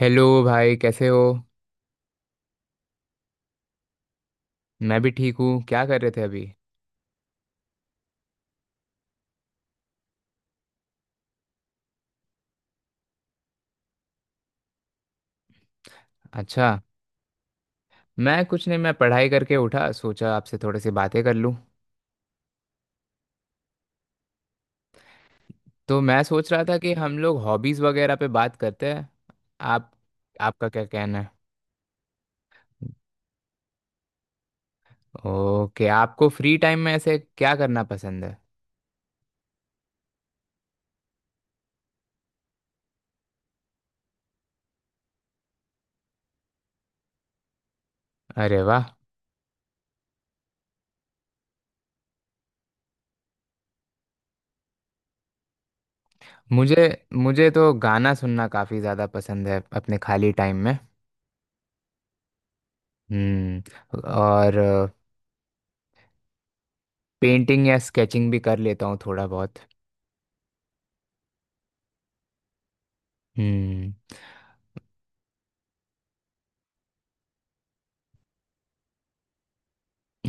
Hello भाई, कैसे हो? मैं भी ठीक हूँ। क्या कर रहे थे अभी? अच्छा। मैं कुछ नहीं, मैं पढ़ाई करके उठा, सोचा आपसे थोड़ी सी बातें कर लूँ। तो मैं सोच रहा था कि हम लोग हॉबीज़ वगैरह पे बात करते हैं। आप? आपका क्या कहना है? ओके, आपको फ्री टाइम में ऐसे क्या करना पसंद है? अरे वाह! मुझे मुझे तो गाना सुनना काफ़ी ज़्यादा पसंद है अपने खाली टाइम में। हम्म। और पेंटिंग या स्केचिंग भी कर लेता हूँ थोड़ा बहुत। हम्म।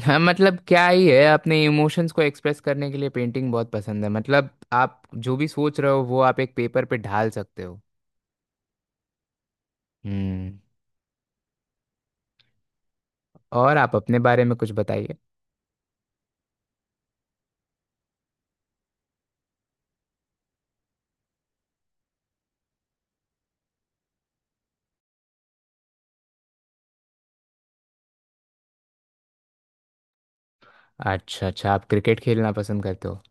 हाँ, मतलब क्या ही है, अपने इमोशंस को एक्सप्रेस करने के लिए पेंटिंग बहुत पसंद है, मतलब आप जो भी सोच रहे हो वो आप एक पेपर पे ढाल सकते हो। हम्म। और आप अपने बारे में कुछ बताइए? अच्छा अच्छा। आप क्रिकेट खेलना पसंद करते हो?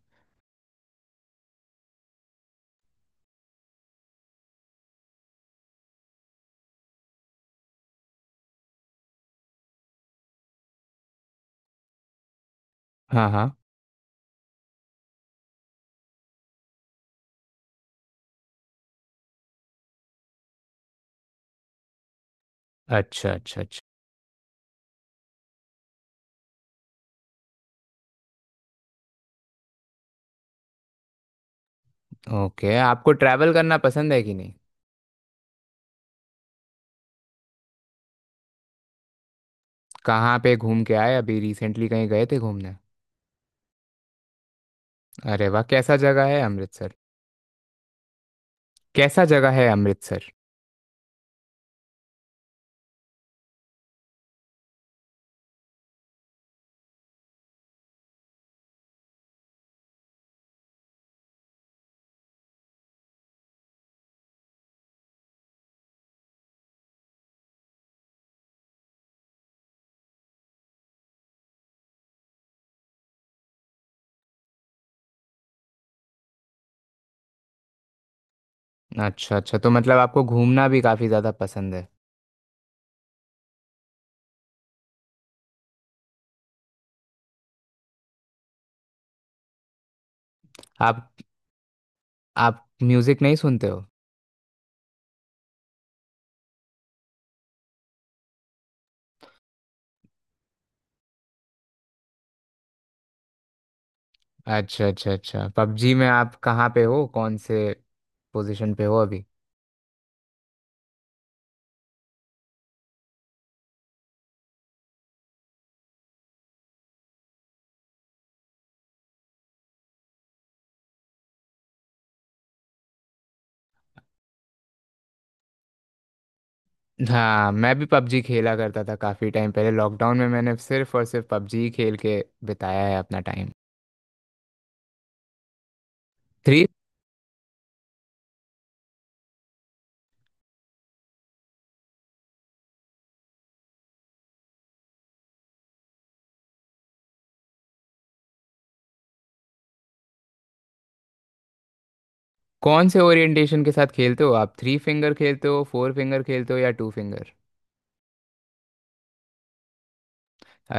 हाँ हाँ। अच्छा अच्छा अच्छा। ओके, आपको ट्रैवल करना पसंद है कि नहीं? कहाँ पे घूम के आए? अभी रिसेंटली कहीं गए थे घूमने? अरे वाह! कैसा जगह है अमृतसर? कैसा जगह है अमृतसर? अच्छा अच्छा, तो मतलब आपको घूमना भी काफ़ी ज़्यादा पसंद है। आप आप म्यूज़िक नहीं सुनते हो? अच्छा अच्छा अच्छा। पबजी में आप कहाँ पे हो? कौन से पोजीशन पे हो अभी? हाँ, मैं भी पबजी खेला करता था काफ़ी टाइम पहले। लॉकडाउन में मैंने सिर्फ और सिर्फ पबजी खेल के बिताया है अपना टाइम। थ्री कौन से ओरिएंटेशन के साथ खेलते हो आप? थ्री फिंगर खेलते हो, फोर फिंगर खेलते हो या टू फिंगर?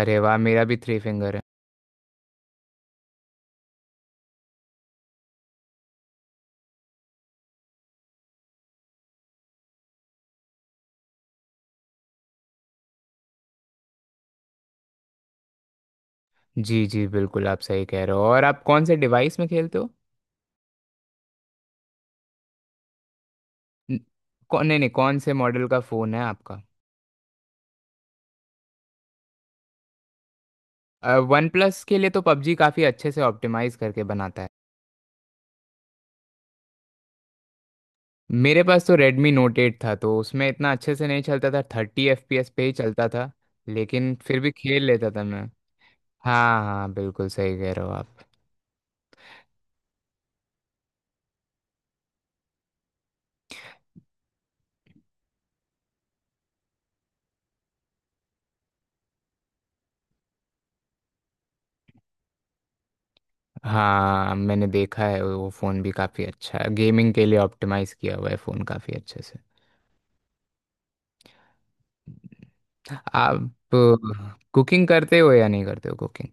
अरे वाह, मेरा भी थ्री फिंगर है। जी जी बिल्कुल, आप सही कह रहे हो। और आप कौन से डिवाइस में खेलते हो? न- कौन नहीं नहीं, कौन से मॉडल का फ़ोन है आपका? वन प्लस के लिए तो पबजी काफ़ी अच्छे से ऑप्टिमाइज करके बनाता है। मेरे पास तो Redmi Note 8 था, तो उसमें इतना अच्छे से नहीं चलता था, 30 fps पे ही चलता था। लेकिन फिर भी खेल लेता था मैं। हाँ हाँ बिल्कुल, सही कह रहे हो आप। हाँ, मैंने देखा है वो फ़ोन भी काफ़ी अच्छा है, गेमिंग के लिए ऑप्टिमाइज किया हुआ है फ़ोन काफ़ी अच्छे से। आप कुकिंग करते हो या नहीं करते हो कुकिंग?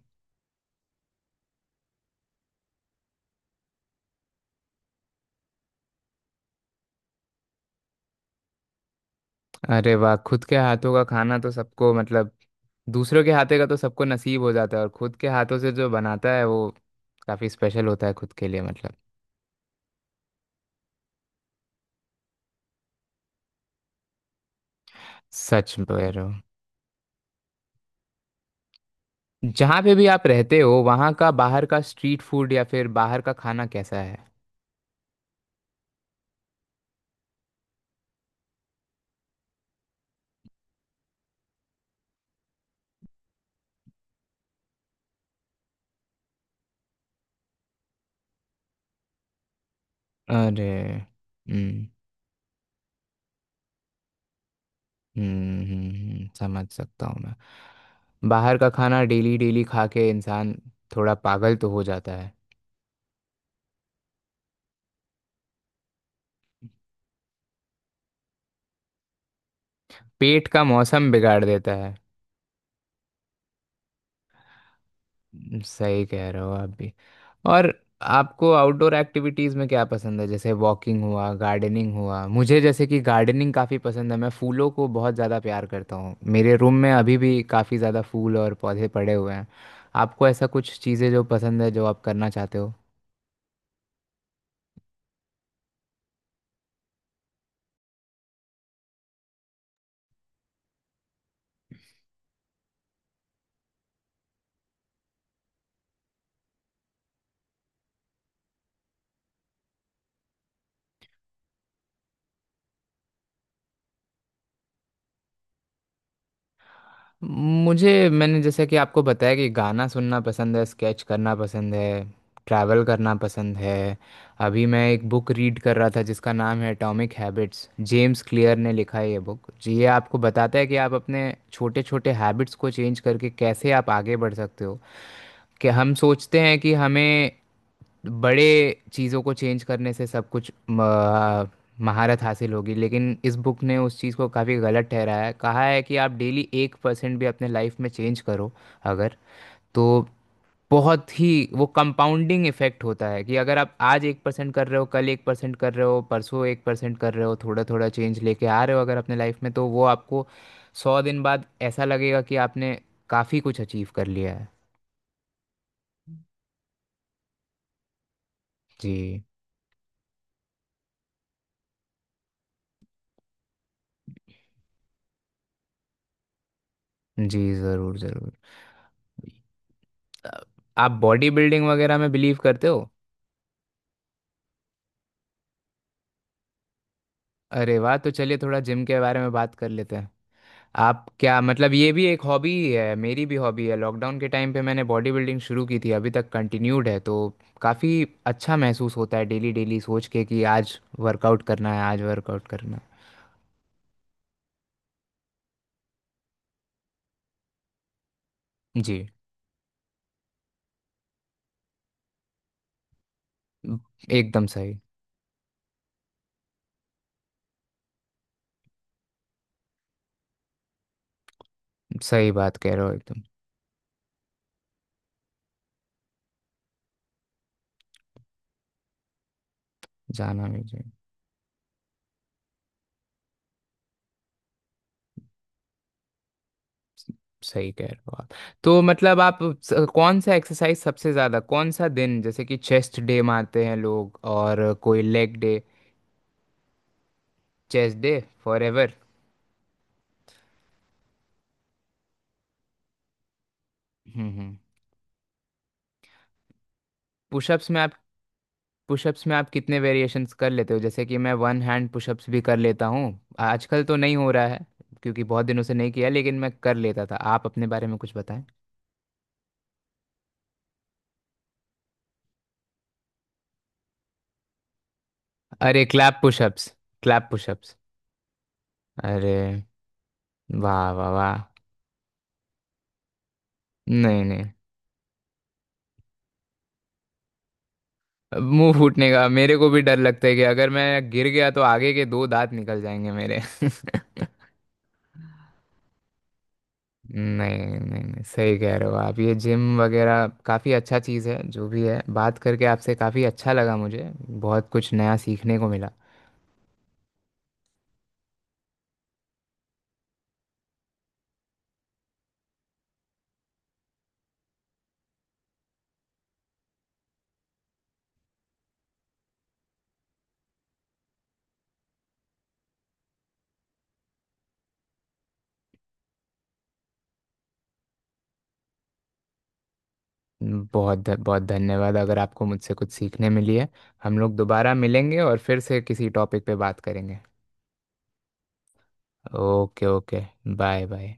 अरे वाह, खुद के हाथों का खाना तो सबको, मतलब दूसरों के हाथों का तो सबको नसीब हो जाता है, और खुद के हाथों से जो बनाता है वो काफ़ी स्पेशल होता है खुद के लिए, मतलब। सच बोल रहे हो। जहाँ पे भी आप रहते हो, वहाँ का बाहर का स्ट्रीट फूड या फिर बाहर का खाना कैसा है? अरे। हम्म समझ सकता हूँ मैं। बाहर का खाना डेली डेली खा के इंसान थोड़ा पागल तो हो जाता है। पेट का मौसम बिगाड़ देता है। सही कह रहे हो आप भी। और आपको आउटडोर एक्टिविटीज़ में क्या पसंद है, जैसे वॉकिंग हुआ, गार्डनिंग हुआ? मुझे जैसे कि गार्डनिंग काफ़ी पसंद है, मैं फूलों को बहुत ज़्यादा प्यार करता हूँ, मेरे रूम में अभी भी काफ़ी ज़्यादा फूल और पौधे पड़े हुए हैं। आपको ऐसा कुछ चीज़ें जो पसंद है जो आप करना चाहते हो? मुझे, मैंने जैसे कि आपको बताया कि गाना सुनना पसंद है, स्केच करना पसंद है, ट्रैवल करना पसंद है। अभी मैं एक बुक रीड कर रहा था, जिसका नाम है एटॉमिक हैबिट्स, जेम्स क्लियर ने लिखा है ये बुक जी। ये आपको बताता है कि आप अपने छोटे छोटे हैबिट्स को चेंज करके कैसे आप आगे बढ़ सकते हो। कि हम सोचते हैं कि हमें बड़े चीज़ों को चेंज करने से सब कुछ महारत हासिल होगी, लेकिन इस बुक ने उस चीज़ को काफ़ी गलत ठहराया है, कहा है कि आप डेली 1% भी अपने लाइफ में चेंज करो अगर, तो बहुत ही, वो कंपाउंडिंग इफेक्ट होता है कि अगर आप आज 1% कर रहे हो, कल 1% कर रहे हो, परसों 1% कर रहे हो, थोड़ा थोड़ा चेंज लेके आ रहे हो अगर अपने लाइफ में, तो वो आपको 100 दिन बाद ऐसा लगेगा कि आपने काफ़ी कुछ अचीव कर लिया है। जी जी ज़रूर ज़रूर। आप बॉडी बिल्डिंग वगैरह में बिलीव करते हो? अरे वाह, तो चलिए थोड़ा जिम के बारे में बात कर लेते हैं। आप क्या, मतलब ये भी एक हॉबी ही है, मेरी भी हॉबी है। लॉकडाउन के टाइम पे मैंने बॉडी बिल्डिंग शुरू की थी, अभी तक कंटिन्यूड है, तो काफ़ी अच्छा महसूस होता है डेली डेली सोच के कि आज वर्कआउट करना है, आज वर्कआउट करना है। जी एकदम सही। सही बात कह रहे हो एकदम। जाना भी जी। सही कह रहे हो आप। तो मतलब आप, कौन सा एक्सरसाइज सबसे ज़्यादा, कौन सा दिन, जैसे कि चेस्ट डे मारते हैं लोग और कोई leg day? Chest day for. Hmm. Pushups में आप पुशअप्स में आप कितने वेरिएशंस कर लेते हो, जैसे कि मैं वन हैंड पुशअप्स भी कर लेता हूँ? आजकल तो नहीं हो रहा है क्योंकि बहुत दिनों से नहीं किया, लेकिन मैं कर लेता था। आप अपने बारे में कुछ बताएं। अरे, क्लैप पुशअप्स! Clap pushups. अरे वाह वाह वाह! नहीं नहीं, मुंह फूटने का मेरे को भी डर लगता है कि अगर मैं गिर गया तो आगे के दो दांत निकल जाएंगे मेरे नहीं नहीं नहीं, सही कह रहे हो आप, ये जिम वगैरह काफ़ी अच्छा चीज़ है जो भी है। बात करके आपसे काफ़ी अच्छा लगा मुझे, बहुत कुछ नया सीखने को मिला। बहुत धन्यवाद, अगर आपको मुझसे कुछ सीखने मिली है। हम लोग दोबारा मिलेंगे और फिर से किसी टॉपिक पे बात करेंगे। Okay okay. Bye bye.